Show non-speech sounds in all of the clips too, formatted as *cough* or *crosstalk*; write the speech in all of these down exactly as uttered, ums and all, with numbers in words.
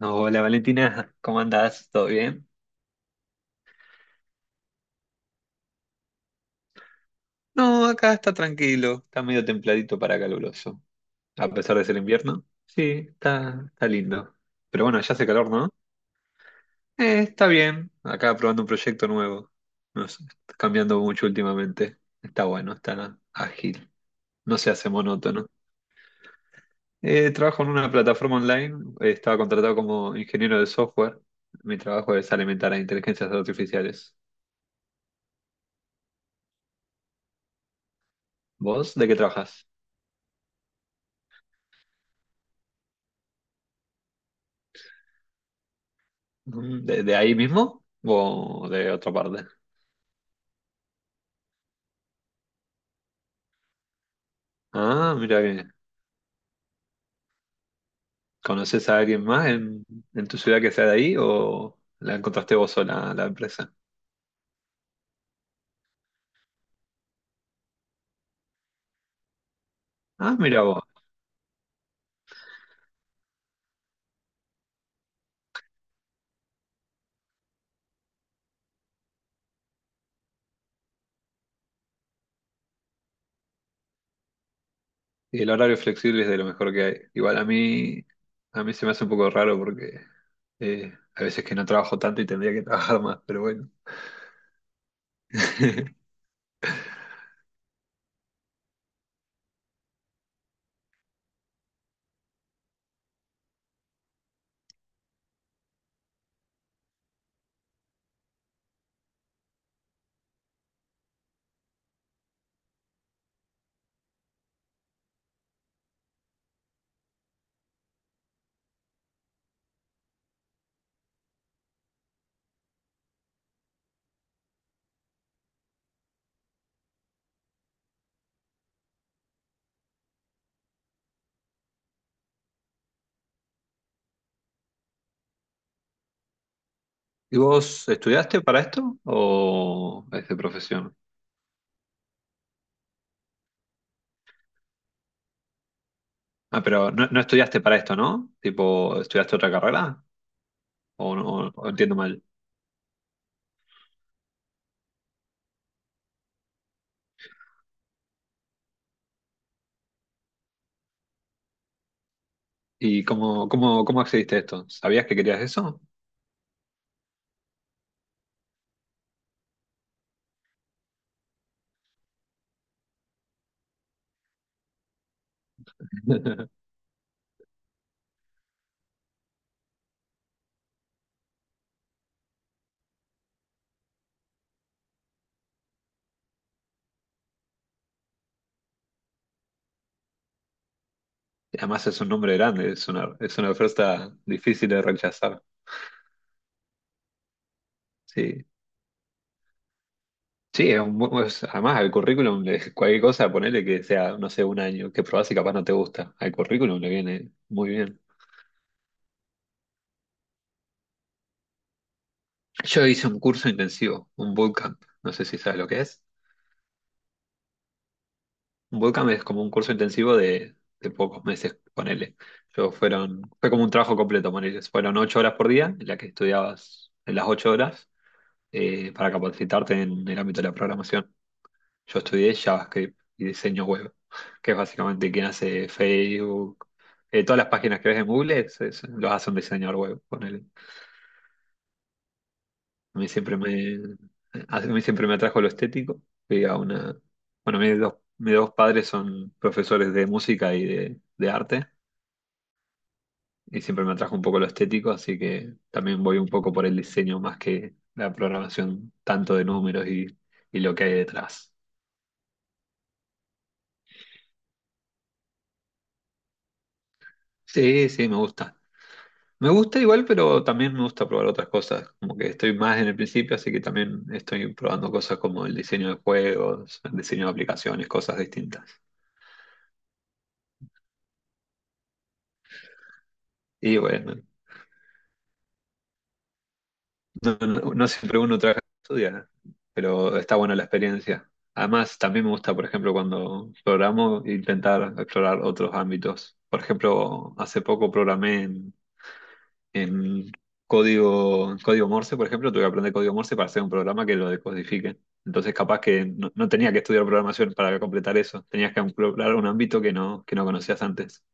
Hola Valentina, *laughs* ¿cómo andás? ¿Todo bien? No, acá está tranquilo, está medio templadito para caluroso. A pesar de ser invierno, sí, está, está lindo. Pero bueno, ya hace calor, ¿no? Eh, está bien, acá probando un proyecto nuevo. No sé, está cambiando mucho últimamente. Está bueno, está ágil, no se hace monótono. Eh, trabajo en una plataforma online, eh, estaba contratado como ingeniero de software. Mi trabajo es alimentar a inteligencias artificiales. ¿Vos de qué trabajas? Mm, ¿De, de ahí mismo o de otra parte? Ah, mira que. ¿Conoces a alguien más en, en, tu ciudad que sea de ahí o la encontraste vos sola, la empresa? Ah, mira vos. Y el horario flexible es de lo mejor que hay. Igual a mí, a mí se me hace un poco raro porque eh, a veces que no trabajo tanto y tendría que trabajar más, pero bueno. *laughs* ¿Y vos estudiaste para esto o es de profesión? Ah, pero no, no estudiaste para esto, ¿no? Tipo, ¿estudiaste otra carrera? ¿O, no, o entiendo mal? ¿Y cómo, cómo, cómo accediste a esto? ¿Sabías que querías eso? *laughs* Además es un nombre grande, es una, es una oferta difícil de rechazar. Sí, sí, es un, bu- es- además al currículum, le- cualquier cosa, ponele que sea, no sé, un año, que probás y capaz no te gusta. Al currículum le viene muy bien. Yo hice un curso intensivo, un bootcamp, no sé si sabes lo que es. Un bootcamp es como un curso intensivo de, de pocos meses, ponele. Yo fueron, fue como un trabajo completo, ponele. Fueron ocho horas por día, en la que estudiabas en las ocho horas. Eh, para capacitarte en el ámbito de la programación. Yo estudié JavaScript y diseño web, *laughs* que es básicamente quien hace Facebook. Eh, todas las páginas que ves en Google es- es- los hace un diseñador web, ponele. A mí siempre me, a mí siempre me atrajo lo estético. Fui a una, bueno, mis dos, mis dos padres son profesores de música y de, de arte, y siempre me atrajo un poco lo estético, así que también voy un poco por el diseño más que la programación, tanto de números y, y lo que hay detrás. Sí, sí, me gusta. Me gusta igual, pero también me gusta probar otras cosas. Como que estoy más en el principio, así que también estoy probando cosas como el diseño de juegos, el diseño de aplicaciones, cosas distintas. Y bueno, no, no- no siempre uno trabaja y estudia, pero está buena la experiencia. Además, también me gusta, por ejemplo, cuando programo, intentar explorar otros ámbitos. Por ejemplo, hace poco programé En código, en código Morse, por ejemplo, tuve que aprender código Morse para hacer un programa que lo decodifique. Entonces, capaz que no, no tenía que estudiar programación para completar eso. Tenías que explorar un ámbito que no, que no conocías antes.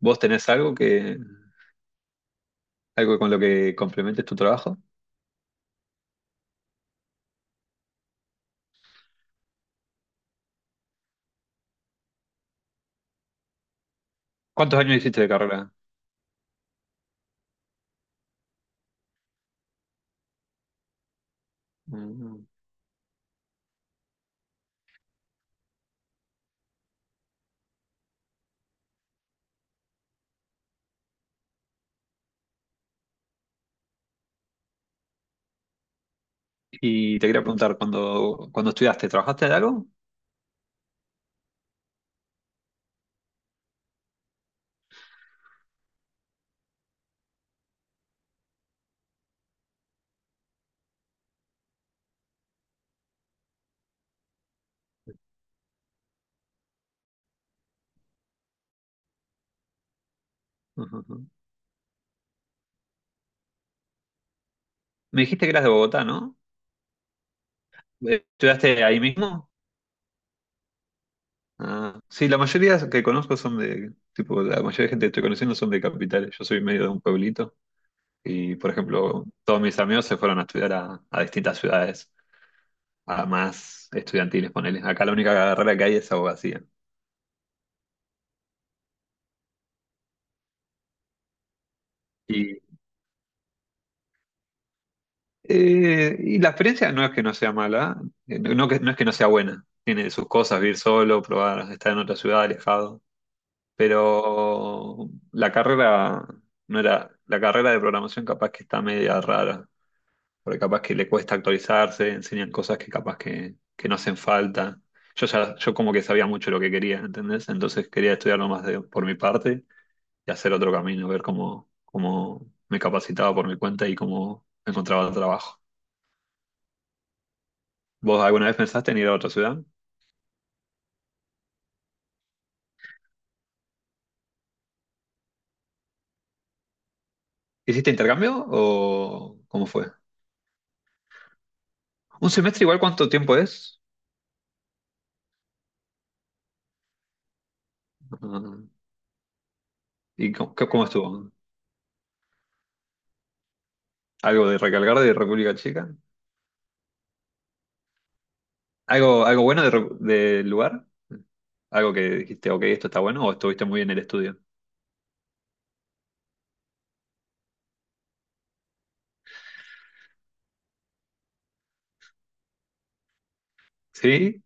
¿Vos tenés algo que, algo con lo que complementes tu trabajo? ¿Cuántos años hiciste de carrera? Mm. Y te quería preguntar, cuando, cuando, estudiaste, ¿trabajaste de algo? Ujú, ujú. Me dijiste que eras de Bogotá, ¿no? Eh, ¿Estudiaste ahí mismo? Ah, sí, la mayoría que conozco son de, tipo, la mayoría de gente que estoy conociendo son de capitales. Yo soy medio de un pueblito y, por ejemplo, todos mis amigos se fueron a estudiar a, a distintas ciudades, a más estudiantiles, ponele. Acá la única carrera que hay es abogacía. Y, eh, y la experiencia no es que no sea mala, eh, no, no que, no es que no sea buena. Tiene sus cosas, vivir solo, probar, estar en otra ciudad, alejado. Pero la carrera no era, la carrera de programación capaz que está media rara, porque capaz que le cuesta actualizarse, enseñan cosas que capaz que, que no hacen falta. Yo ya, yo como que sabía mucho lo que quería, ¿entendés? Entonces quería estudiarlo más de, por mi parte y hacer otro camino, ver cómo, cómo me capacitaba por mi cuenta y cómo encontraba trabajo. ¿Vos alguna vez pensaste en ir a otra ciudad? ¿Hiciste intercambio o cómo fue? ¿Un semestre igual cuánto tiempo es? Ah, ¿Y cómo, cómo estuvo? ¿Algo de recalcar de República Checa? ¿Algo, algo bueno de ro- del lugar? ¿Algo que dijiste, ok, esto está bueno o estuviste muy bien en el estudio? Sí,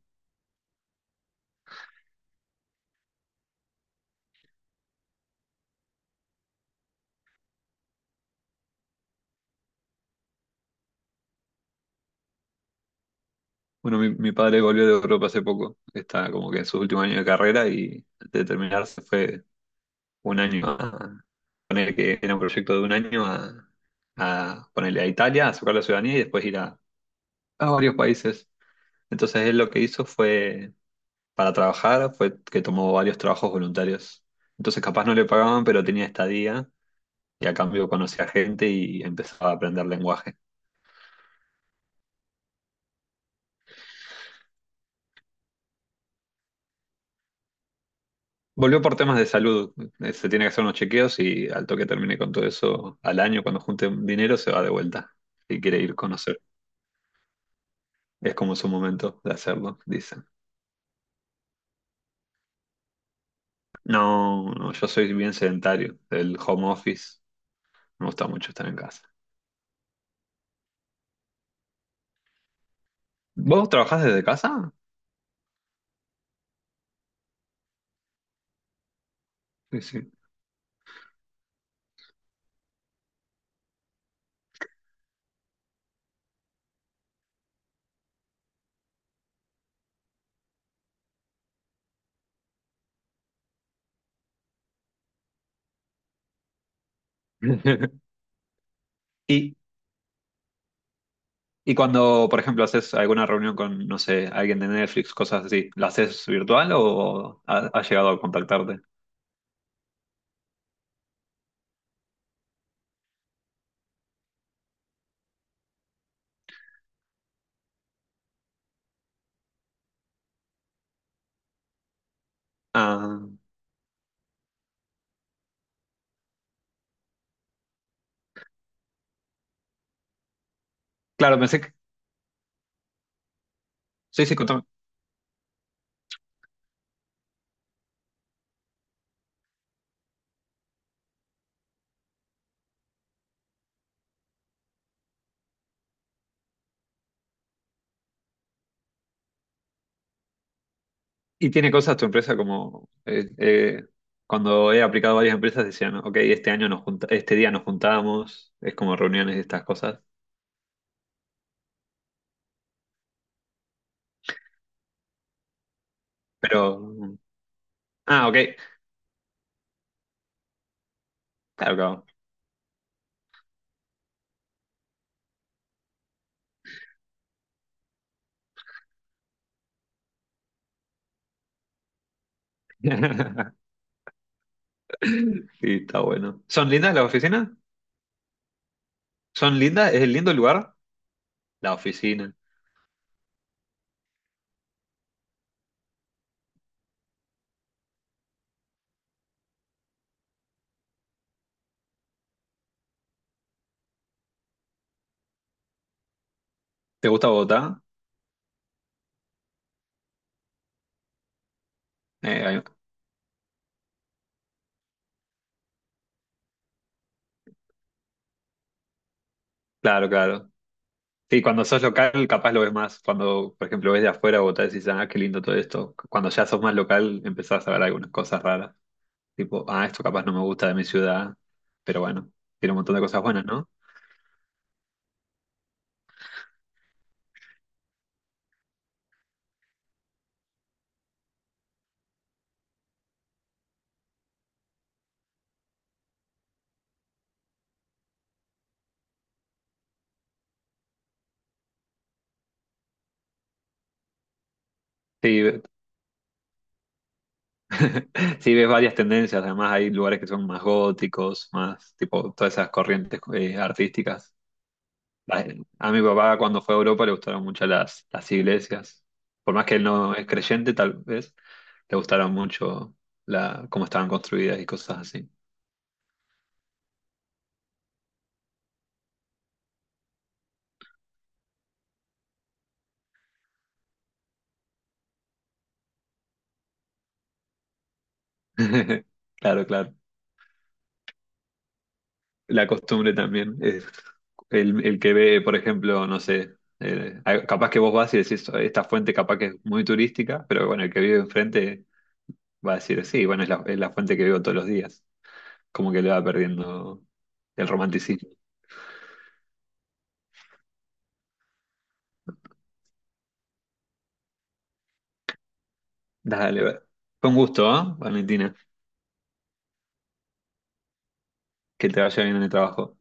bueno, mi, mi padre volvió de Europa hace poco. Está como que en su último año de carrera y antes de terminar se fue un año a poner que era un proyecto de un año a, a ponerle a Italia, a sacar la ciudadanía y después ir a, a varios países. Entonces él lo que hizo fue, para trabajar, fue que tomó varios trabajos voluntarios. Entonces capaz no le pagaban, pero tenía estadía y a cambio conocía gente y empezaba a aprender lenguaje. Volvió por temas de salud, eh, se tiene que hacer unos chequeos y al toque termine con todo eso al año, cuando junte dinero se va de vuelta y quiere ir a conocer. Es como su momento de hacerlo, dicen. No, no, yo soy bien sedentario, del home office, me gusta mucho estar en casa. ¿Vos trabajás desde casa? Sí, sí. *laughs* Y, y cuando, por ejemplo, haces alguna reunión con, no sé, alguien de Netflix, cosas así, ¿la haces virtual o ha- has llegado a contactarte? Ah. Claro, pensé que soy psicólogo. ¿Y tiene cosas tu empresa como eh, eh, cuando he aplicado a varias empresas decían, ok, este año nos junta, este día nos juntamos, es como reuniones y estas cosas. Pero, mm, ah, ok, claro, claro. *laughs* Sí, está bueno. ¿Son lindas las oficinas? ¿Son lindas? ¿Es el lindo el lugar? La oficina. ¿Te gusta Bogotá? Eh, ahí- claro, claro. Sí, cuando sos local capaz lo ves más. Cuando, por ejemplo, ves de afuera Bogotá decís, ah, qué lindo todo esto. Cuando ya sos más local empezás a ver algunas cosas raras. Tipo, ah, esto capaz no me gusta de mi ciudad, pero bueno, tiene un montón de cosas buenas, ¿no? Sí, ve- *laughs* sí ves varias tendencias, además hay lugares que son más góticos, más tipo todas esas corrientes eh, artísticas. La- A mi papá cuando fue a Europa le gustaron mucho las, las, iglesias, por más que él no es creyente tal vez, le gustaron mucho la, cómo estaban construidas y cosas así. *laughs* Claro, claro. La costumbre también. Es el, el que ve, por ejemplo, no sé, eh, a- capaz que vos vas y decís, esta fuente capaz que es muy turística, pero bueno, el que vive enfrente va a decir, sí, bueno, es la, es la, fuente que veo todos los días. Como que le va perdiendo el romanticismo. Dale, va. Fue un gusto, ¿ah, Valentina? Que te vaya bien en el trabajo.